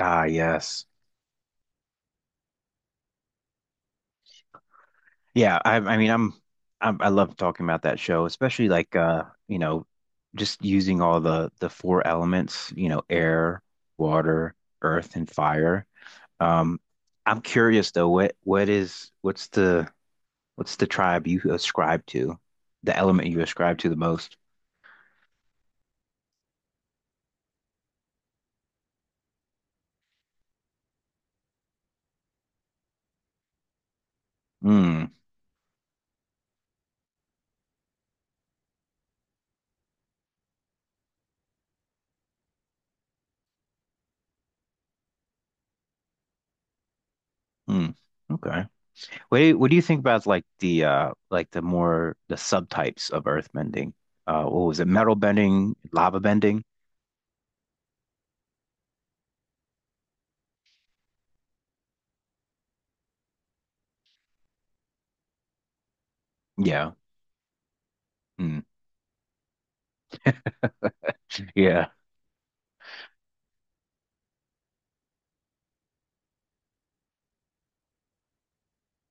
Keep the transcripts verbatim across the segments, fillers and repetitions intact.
Ah, yes. Yeah, I I mean I'm, I'm I love talking about that show, especially like uh, you know, just using all the the four elements, you know, air, water, earth, and fire. Um, I'm curious though, what what is what's the what's the tribe you ascribe to? The element you ascribe to the most? Mm, mm. Okay. What do you, what do you think about like the uh like the more the subtypes of earth bending? Uh, what was it? Metal bending, lava bending? Yeah. Mm. Yeah.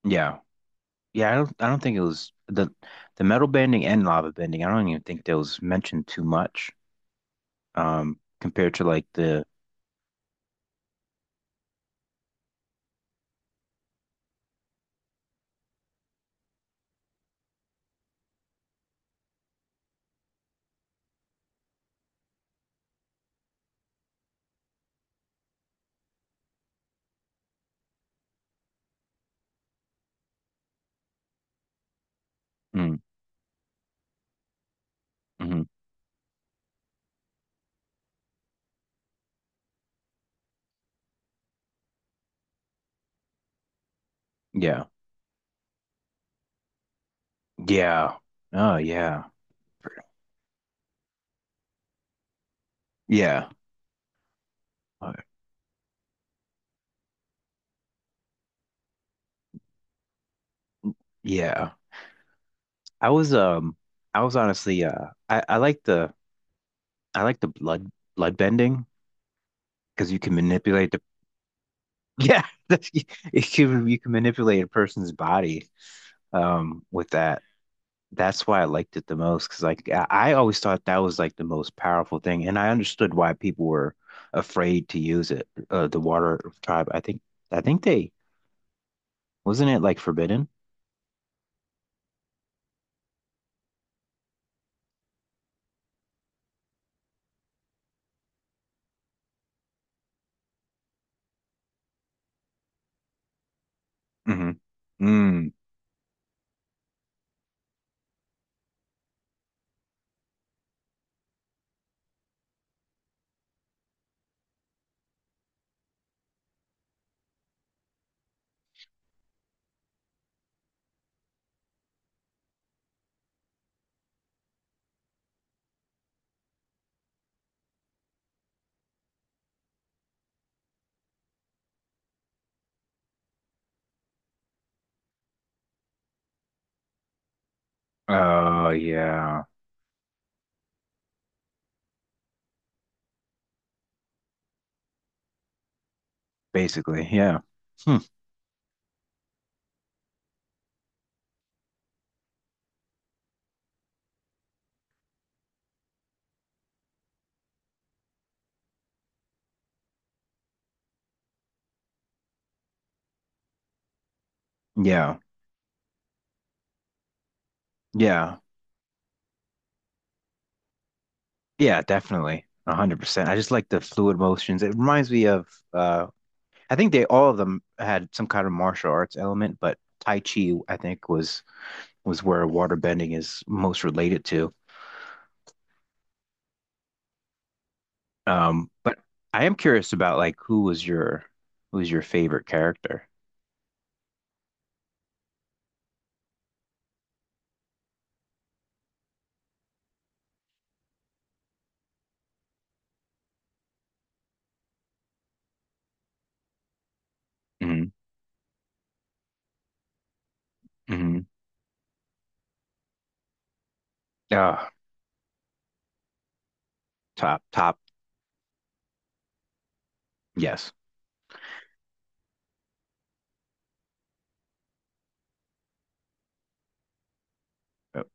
Yeah. Yeah, I don't I don't think it was the the metal bending and lava bending. I don't even think that was mentioned too much um compared to like the mm, hmm. Yeah. Yeah. Oh, yeah. Yeah. Uh, yeah. I was um I was honestly uh I I like the I like the blood blood bending because you can manipulate the, yeah, you can you can manipulate a person's body um with that. That's why I liked it the most because like I I always thought that was like the most powerful thing, and I understood why people were afraid to use it. Uh, the water tribe, I think, I think they, wasn't it like forbidden? Hmm. Mm. Oh yeah, basically, yeah, hmm. Yeah, yeah, yeah, definitely, a hundred percent. I just like the fluid motions. It reminds me of, uh, I think they all of them had some kind of martial arts element, but Tai Chi I think was, was where water bending is most related to. Um, but I am curious about like who was your who was your favorite character? Hmm, hmm. Ah, top, top, yes. Yep.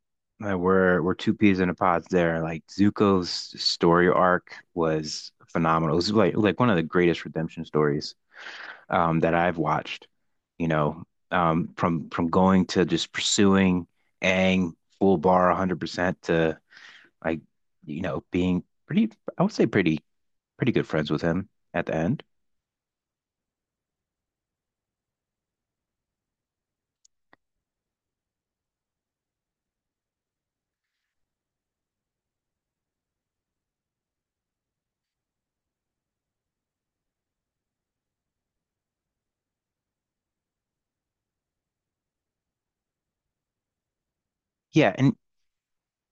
Uh, We're we're two peas in a pod there. Like Zuko's story arc was phenomenal. It was like like one of the greatest redemption stories, um, that I've watched. You know, um, from from going to just pursuing Aang full bar one hundred percent to, I, you know, being pretty, I would say pretty pretty good friends with him at the end. Yeah, and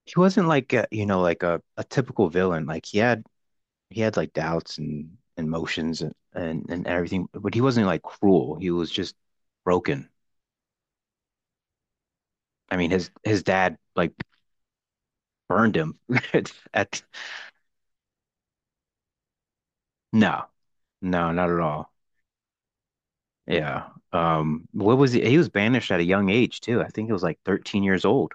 he wasn't like a, you know, like a, a typical villain. Like he had he had like doubts and, and emotions and, and and everything, but he wasn't like cruel. He was just broken. I mean his his dad like burned him at, at no. No, not at all. Yeah. Um, what was he? He was banished at a young age too. I think it was like thirteen years old.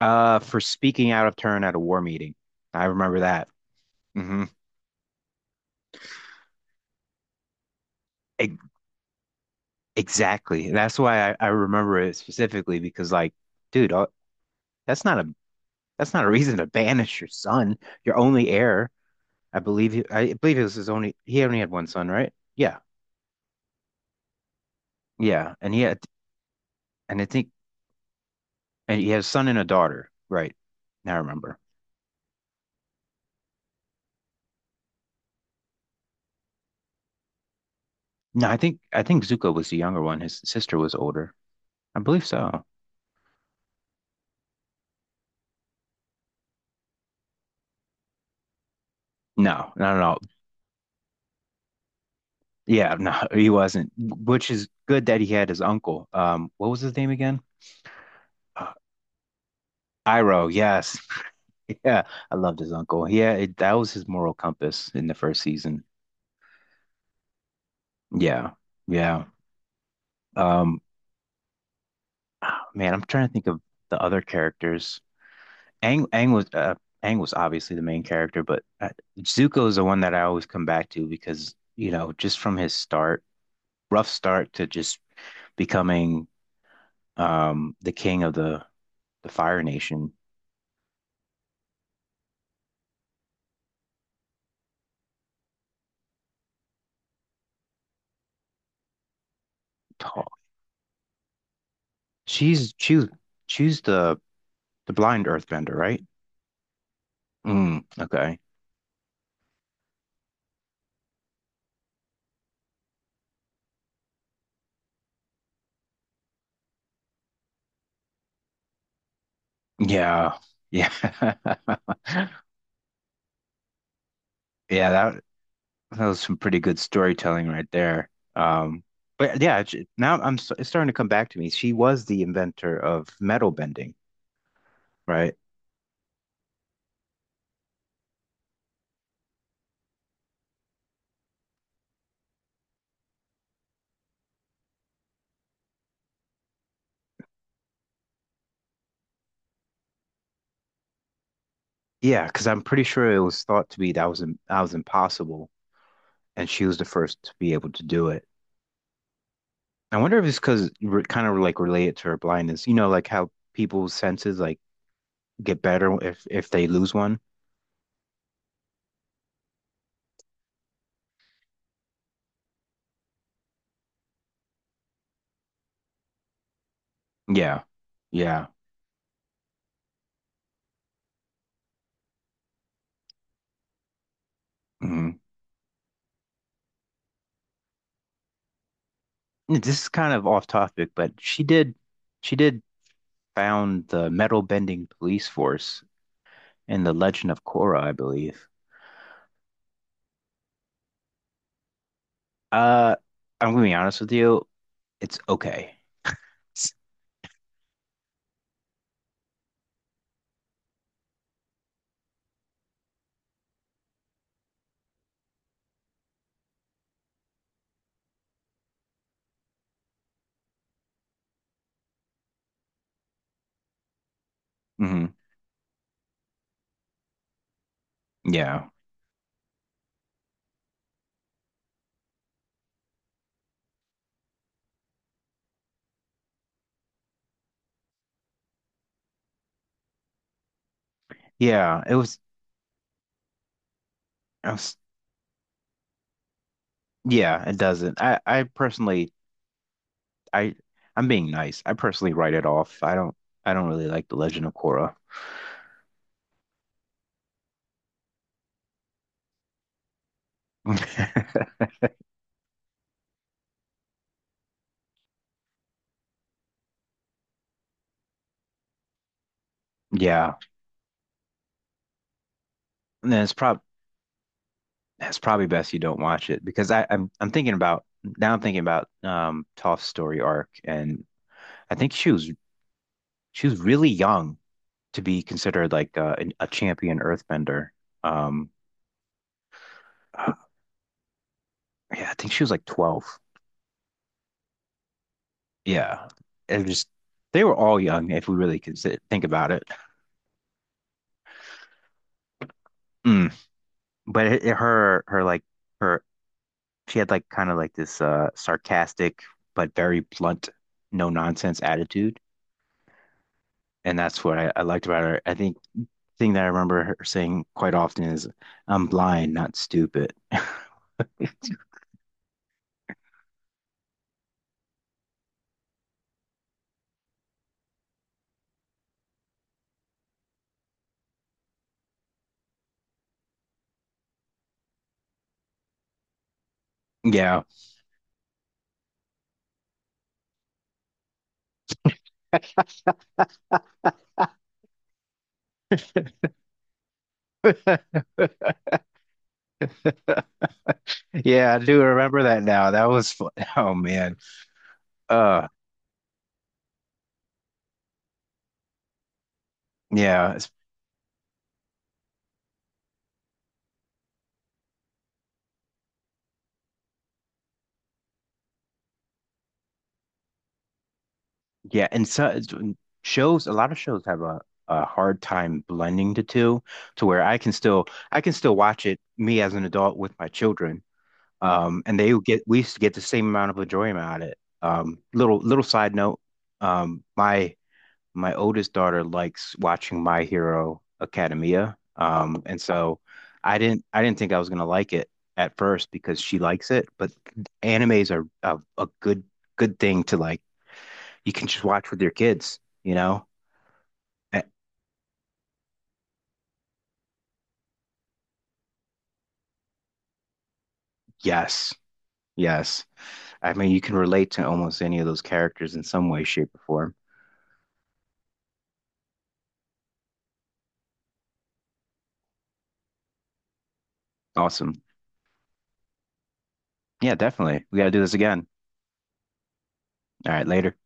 Uh, for speaking out of turn at a war meeting. I remember that. Hmm. E- exactly. That's why I, I remember it specifically because like, dude, uh, that's not a that's not a reason to banish your son, your only heir. I believe he, I believe it was his only, he only had one son, right? Yeah. Yeah. And he had and I think and he had a son and a daughter, right? Now I remember. No, I think I think Zuko was the younger one. His sister was older. I believe so. No, no, no. Yeah, no, he wasn't. Which is good that he had his uncle. Um, what was his name again? Uh, Iroh, yes. Yeah, I loved his uncle. Yeah, it, that was his moral compass in the first season. Yeah. Yeah. Um, ah, man, I'm trying to think of the other characters. Aang, Aang was uh, Aang was obviously the main character, but uh, Zuko is the one that I always come back to because, you know, just from his start, rough start to just becoming, um, the king of the, the Fire Nation. Ta- She's, choose choose the the blind earthbender, right? Mm, okay. Yeah. Yeah. Yeah, that that was some pretty good storytelling right there. Um, but yeah, j- now I'm s- it's starting to come back to me. She was the inventor of metal bending, right? Yeah, because I'm pretty sure it was thought to be that was im- that was impossible, and she was the first to be able to do it. I wonder if it's because, kind of like related to her blindness. You know, like how people's senses like get better if if they lose one. Yeah, yeah. Hmm. This is kind of off topic, but she did she did found the metal bending police force in The Legend of Korra, I believe. Uh, I'm gonna be honest with you, it's okay. Hmm. Yeah, yeah. It was, I was, yeah. It doesn't. I I personally I I'm being nice. I personally write it off. I don't I don't really like The Legend of Korra. Yeah. And then it's prob it's probably best you don't watch it because I, I'm I'm thinking about, now I'm thinking about um Toph's story arc, and I think she was she was really young to be considered like uh, an, a champion earthbender. Um, uh, yeah, I think she was like twelve. Yeah. It was just they were all young if we really consider, think about it. Mm. But it, it- her her like her she had like kind of like this uh sarcastic but very blunt, no nonsense attitude. And that's what I, I liked about her. I think the thing that I remember her saying quite often is, I'm blind, not stupid. Yeah. Yeah, I do remember that now. That was fun. Oh man. Uh yeah. it's- Yeah, and so it's- shows a lot of shows have a a hard time blending the two to where I can still I can still watch it, me as an adult with my children. Um, and they would get we used to get the same amount of enjoyment out of it. Um, little little side note, um, my my oldest daughter likes watching My Hero Academia. Um, and so I didn't I didn't think I was gonna like it at first because she likes it, but animes are a, a good good thing to like, you can just watch with your kids, you know? Eh, Yes, yes. I mean you can relate to almost any of those characters in some way, shape, or form. Awesome. Yeah, definitely. We gotta do this again. All right, later.